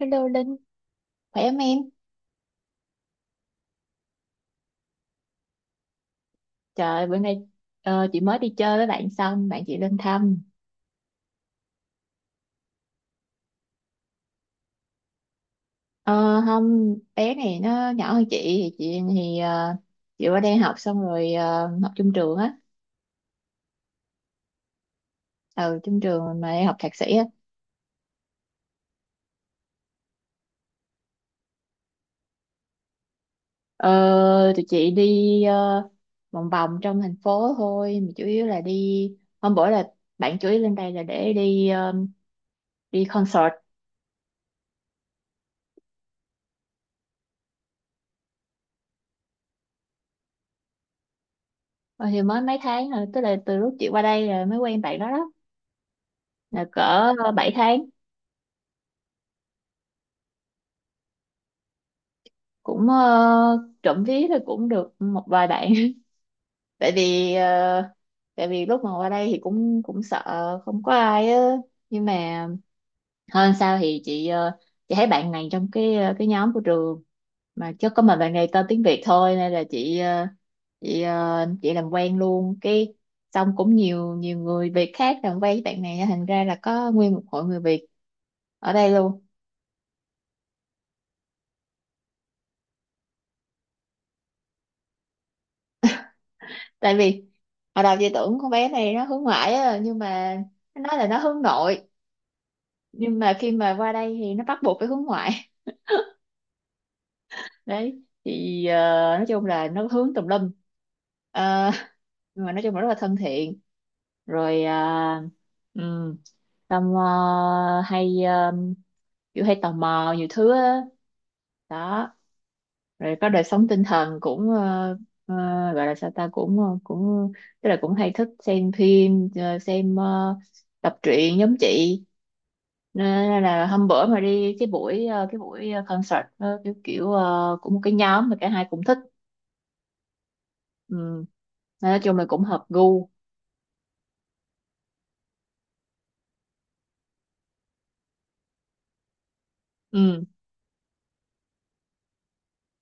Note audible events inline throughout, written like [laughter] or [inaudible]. Hello Linh, khỏe không em? Trời, bữa nay chị mới đi chơi với bạn xong, bạn chị lên thăm. Ờ, không, bé này nó nhỏ hơn chị, thì chị thì ờ, chị qua đây học xong rồi, học chung trường á. Ừ, chung trường mà em học thạc sĩ á. Ờ, tụi chị đi vòng vòng trong thành phố thôi, mà chủ yếu là đi, hôm bữa là bạn chủ yếu lên đây là để đi concert. Ờ, thì mới mấy tháng rồi, tức là từ lúc chị qua đây là mới quen bạn đó đó, là cỡ 7 tháng. Cũng trộm vía thì cũng được một vài bạn. [laughs] tại vì ờ, Tại vì lúc mà qua đây thì cũng cũng sợ không có ai á, nhưng mà hơn sao thì chị thấy bạn này trong cái nhóm của trường mà chứ có mà bạn này tên tiếng Việt thôi, nên là chị làm quen luôn, cái xong cũng nhiều nhiều người Việt khác làm quen với bạn này, thành ra là có nguyên một hội người Việt ở đây luôn. Tại vì hồi đầu chị tưởng con bé này nó hướng ngoại á, nhưng mà nó nói là nó hướng nội, nhưng mà khi mà qua đây thì nó bắt buộc phải hướng ngoại. [laughs] Đấy thì nói chung là nó hướng tùm lum. Ờ, [laughs] nhưng mà nói chung là rất là thân thiện rồi. uh, um, xong hay ờ, kiểu hay tò mò nhiều thứ á đó. Rồi có đời sống tinh thần ờ, gọi là sao ta, cũng tức là cũng hay thích xem phim, xem tập truyện giống chị. Ờ, nên là hôm bữa mà đi cái buổi concert, ờ, kiểu kiểu ờ, cũng một cái nhóm mà cả hai cũng thích. Ừ. Nên nói chung là cũng hợp gu. Ừ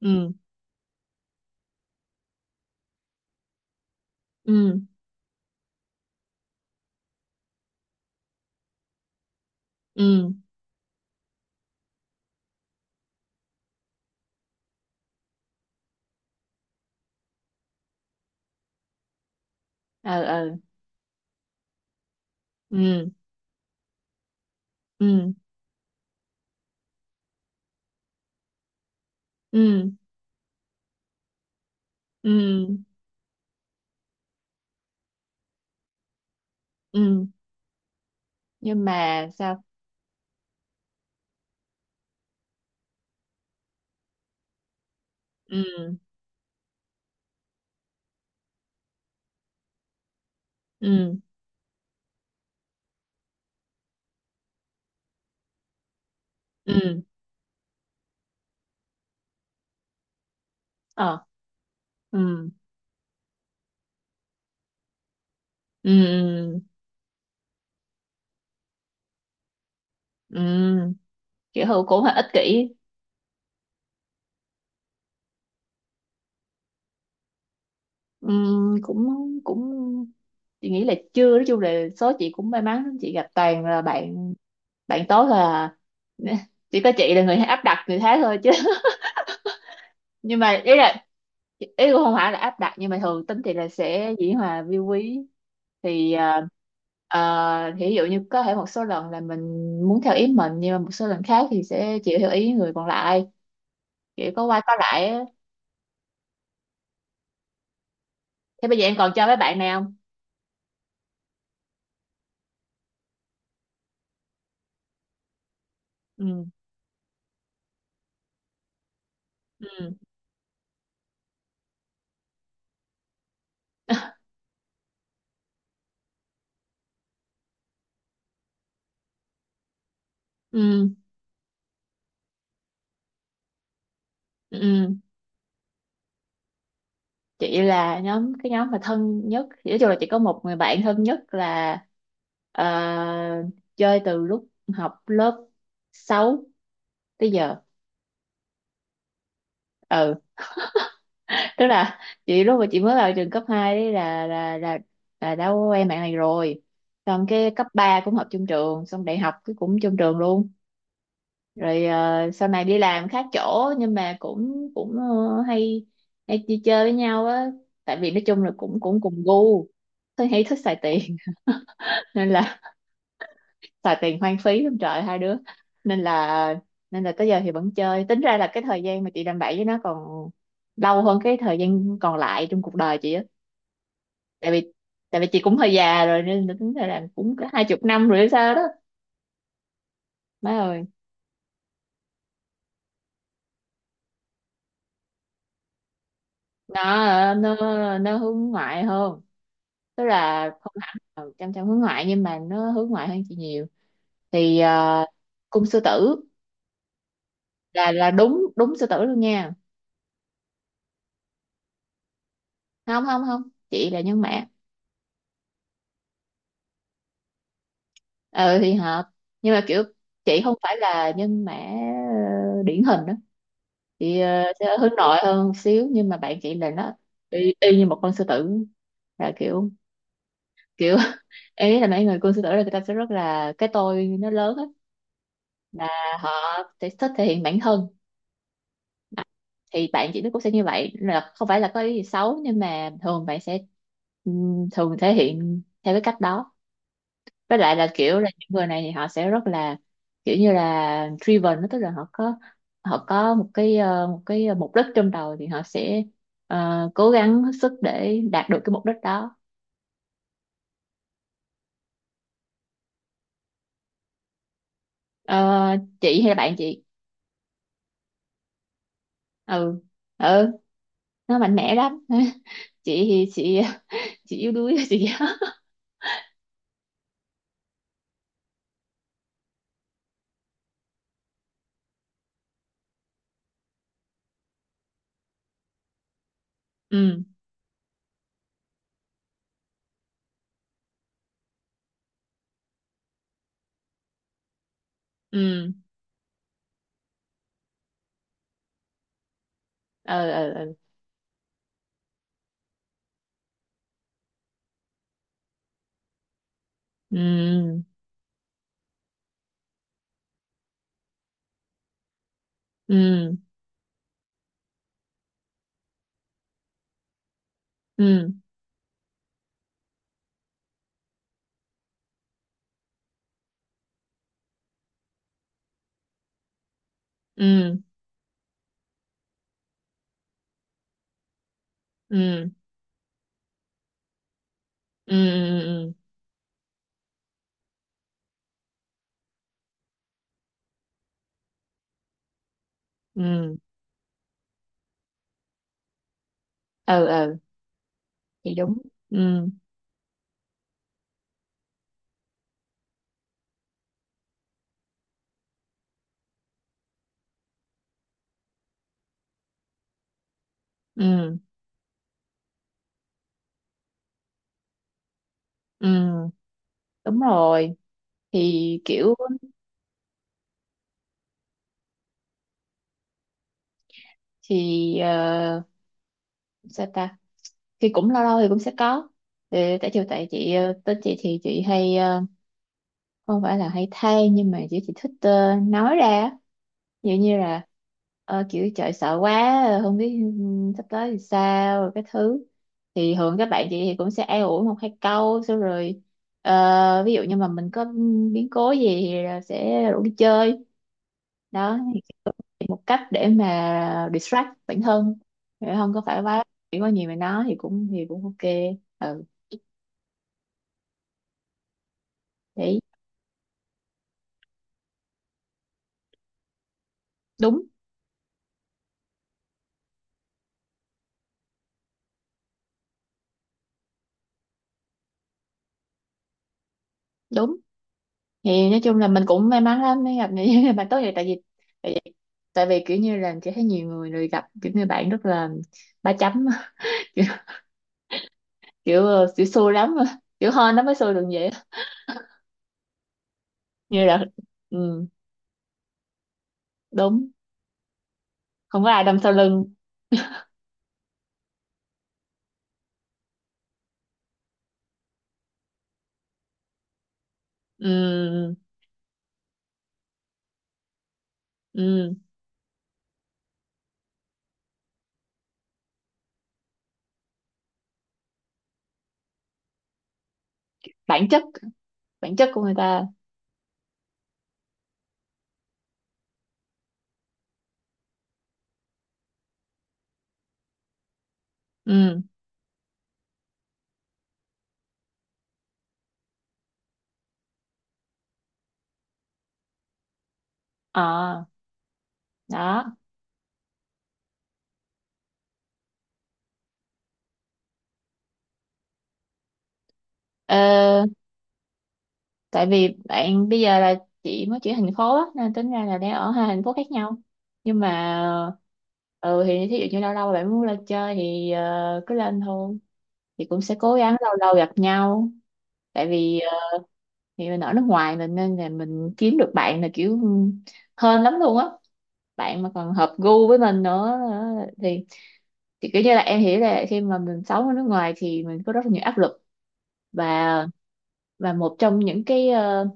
ừ ừ ừ ờ ờ ừ ừ ừ ừ ừ Nhưng mà sao ừ ừ ừ ờ ừ ừ ừ kiểu hữu cũng hơi ích kỷ. Ừ, cũng cũng chị nghĩ là chưa, nói chung là số chị cũng may mắn, chị gặp toàn là bạn bạn tốt. Là [laughs] chỉ có chị là người áp đặt người khác thôi chứ. [laughs] Nhưng mà ý là ý cũng không phải là áp đặt, nhưng mà thường tính chị là sẽ dĩ hòa vi quý. Thì thì ví dụ như có thể một số lần là mình muốn theo ý mình, nhưng mà một số lần khác thì sẽ chịu theo ý người còn lại, kiểu có qua có lại á. Thế bây giờ em còn chơi với bạn này không? ừ ừ ừ ừ [laughs] chị là cái nhóm mà thân nhất thì nói chung là chị có một người bạn thân nhất là, ờ, chơi từ lúc học lớp 6 tới giờ. Ừ, tức là chị lúc mà chị mới vào trường cấp 2 ấy là đã quen bạn này rồi, xong cái cấp 3 cũng học chung trường, xong đại học cái cũng chung trường luôn. Rồi sau này đi làm khác chỗ, nhưng mà cũng cũng ờ, hay hay đi chơi với nhau á, tại vì nói chung là cũng cũng cùng gu. Tôi hay thích xài tiền [laughs] nên là xài tiền hoang phí lắm trời, 2 đứa. nên là Nên là tới giờ thì vẫn chơi, tính ra là cái thời gian mà chị làm bậy với nó còn lâu hơn cái thời gian còn lại trong cuộc đời chị á. Tại vì tại vì chị cũng hơi già rồi, nên là tính ra là cũng có 20 năm rồi hay sao đó. Má ơi! Nó ờ, Nó hướng ngoại hơn, tức là không hẳn là chăm chăm hướng ngoại, nhưng mà nó hướng ngoại hơn chị nhiều. thì ờ, Cung sư tử, là đúng đúng sư tử luôn nha. Không không không, chị là nhân mã. Ờ thì hợp, nhưng mà kiểu chị không phải là nhân mã ờ, điển hình đó. Chị sẽ hướng nội hơn một xíu, nhưng mà bạn chị là nó y như một con sư tử, là kiểu kiểu. [laughs] Em nghĩ là mấy người con sư tử là người ta sẽ rất là cái tôi nó lớn hết, là họ sẽ thích thể hiện bản thân. Thì bạn chị nó cũng sẽ như vậy, là không phải là có ý gì xấu, nhưng mà thường bạn sẽ thường thể hiện theo cái cách đó. Với lại là kiểu là những người này thì họ sẽ rất là kiểu như là driven đó, tức là họ có một một cái mục đích trong đầu, thì họ sẽ cố gắng hết sức để đạt được cái mục đích đó. Ờ, chị hay là bạn chị? ừ ừ nó mạnh mẽ lắm. [laughs] Chị chị yếu đuối. [laughs] chị ừ ừ ừ ừ ừ ừ ừ. ừ ừ ừ ừ ừ ừ ừ ừ ừ, Thì đúng. ừ ừ ừ Đúng rồi. Thì kiểu thì ờ, sao ta thì cũng lâu lâu thì cũng sẽ có. Ừ, tại chiều tại chị thì chị hay, không phải là hay than, nhưng mà chị thích nói ra á. Vậy như là kiểu trời sợ quá, không biết sắp tới thì sao, rồi cái thứ. Thì thường các bạn chị thì cũng sẽ an ủi 1 2 câu, xong rồi ví dụ như mà mình có biến cố gì thì là sẽ rủ đi chơi đó, thì một cách để mà distract bản thân, để không có phải quá chỉ có nhiều mà nói thì cũng ok. Ừ, đấy. Đúng đúng. Thì nói chung là mình cũng may mắn lắm mới gặp những người bạn tốt vậy, tại vì tại vì kiểu như là chỉ thấy nhiều người rồi gặp kiểu như bạn rất là ba chấm. [laughs] kiểu kiểu, ờ, kiểu xui lắm, kiểu hên nó mới xui được vậy. Như là ừ, đúng, không có ai đâm sau lưng. Ừ, ừ, bản chất, bản chất của người ta. Ừ, ờ, đó. Ờ, tại vì bạn bây giờ là chị mới chuyển thành phố á, nên tính ra là đang ở 2 thành phố khác nhau. Nhưng mà ừ, thì thí dụ như lâu lâu bạn muốn lên chơi thì cứ lên thôi, thì cũng sẽ cố gắng lâu lâu gặp nhau. Tại vì thì mình ở nước ngoài mình, nên là mình kiếm được bạn là kiểu hên lắm luôn á. Bạn mà còn hợp gu với mình nữa, thì kiểu như là em hiểu là khi mà mình sống ở nước ngoài thì mình có rất là nhiều áp lực, và và một trong những cái ờ,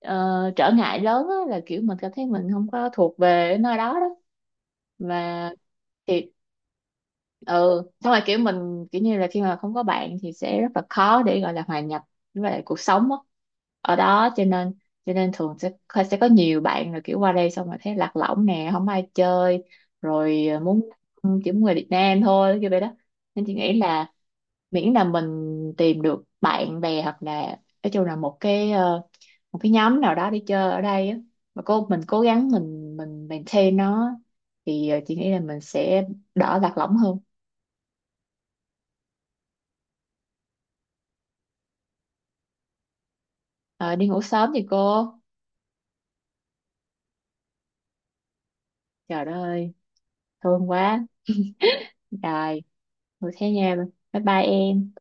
ờ, trở ngại lớn á là kiểu mình cảm thấy mình không có thuộc về nơi đó đó. Và thì ừ, xong rồi kiểu mình kiểu như là khi mà không có bạn thì sẽ rất là khó để gọi là hòa nhập với lại cuộc sống á ở đó. Cho nên thường sẽ có nhiều bạn là kiểu qua đây xong rồi thấy lạc lõng nè, không ai chơi. Rồi ờ, muốn chỉ muốn người Việt Nam thôi, kiểu vậy đó. Nên chị nghĩ là miễn là mình tìm được bạn bè, hoặc là nói chung là một một cái nhóm nào đó đi chơi ở đây á, mà cô mình cố gắng mình maintain nó, thì chị nghĩ là mình sẽ đỡ lạc lõng hơn. Ờ, đi ngủ sớm thì cô. Trời đất ơi, thương quá. Rồi, ngủ thế nha, bye bye em.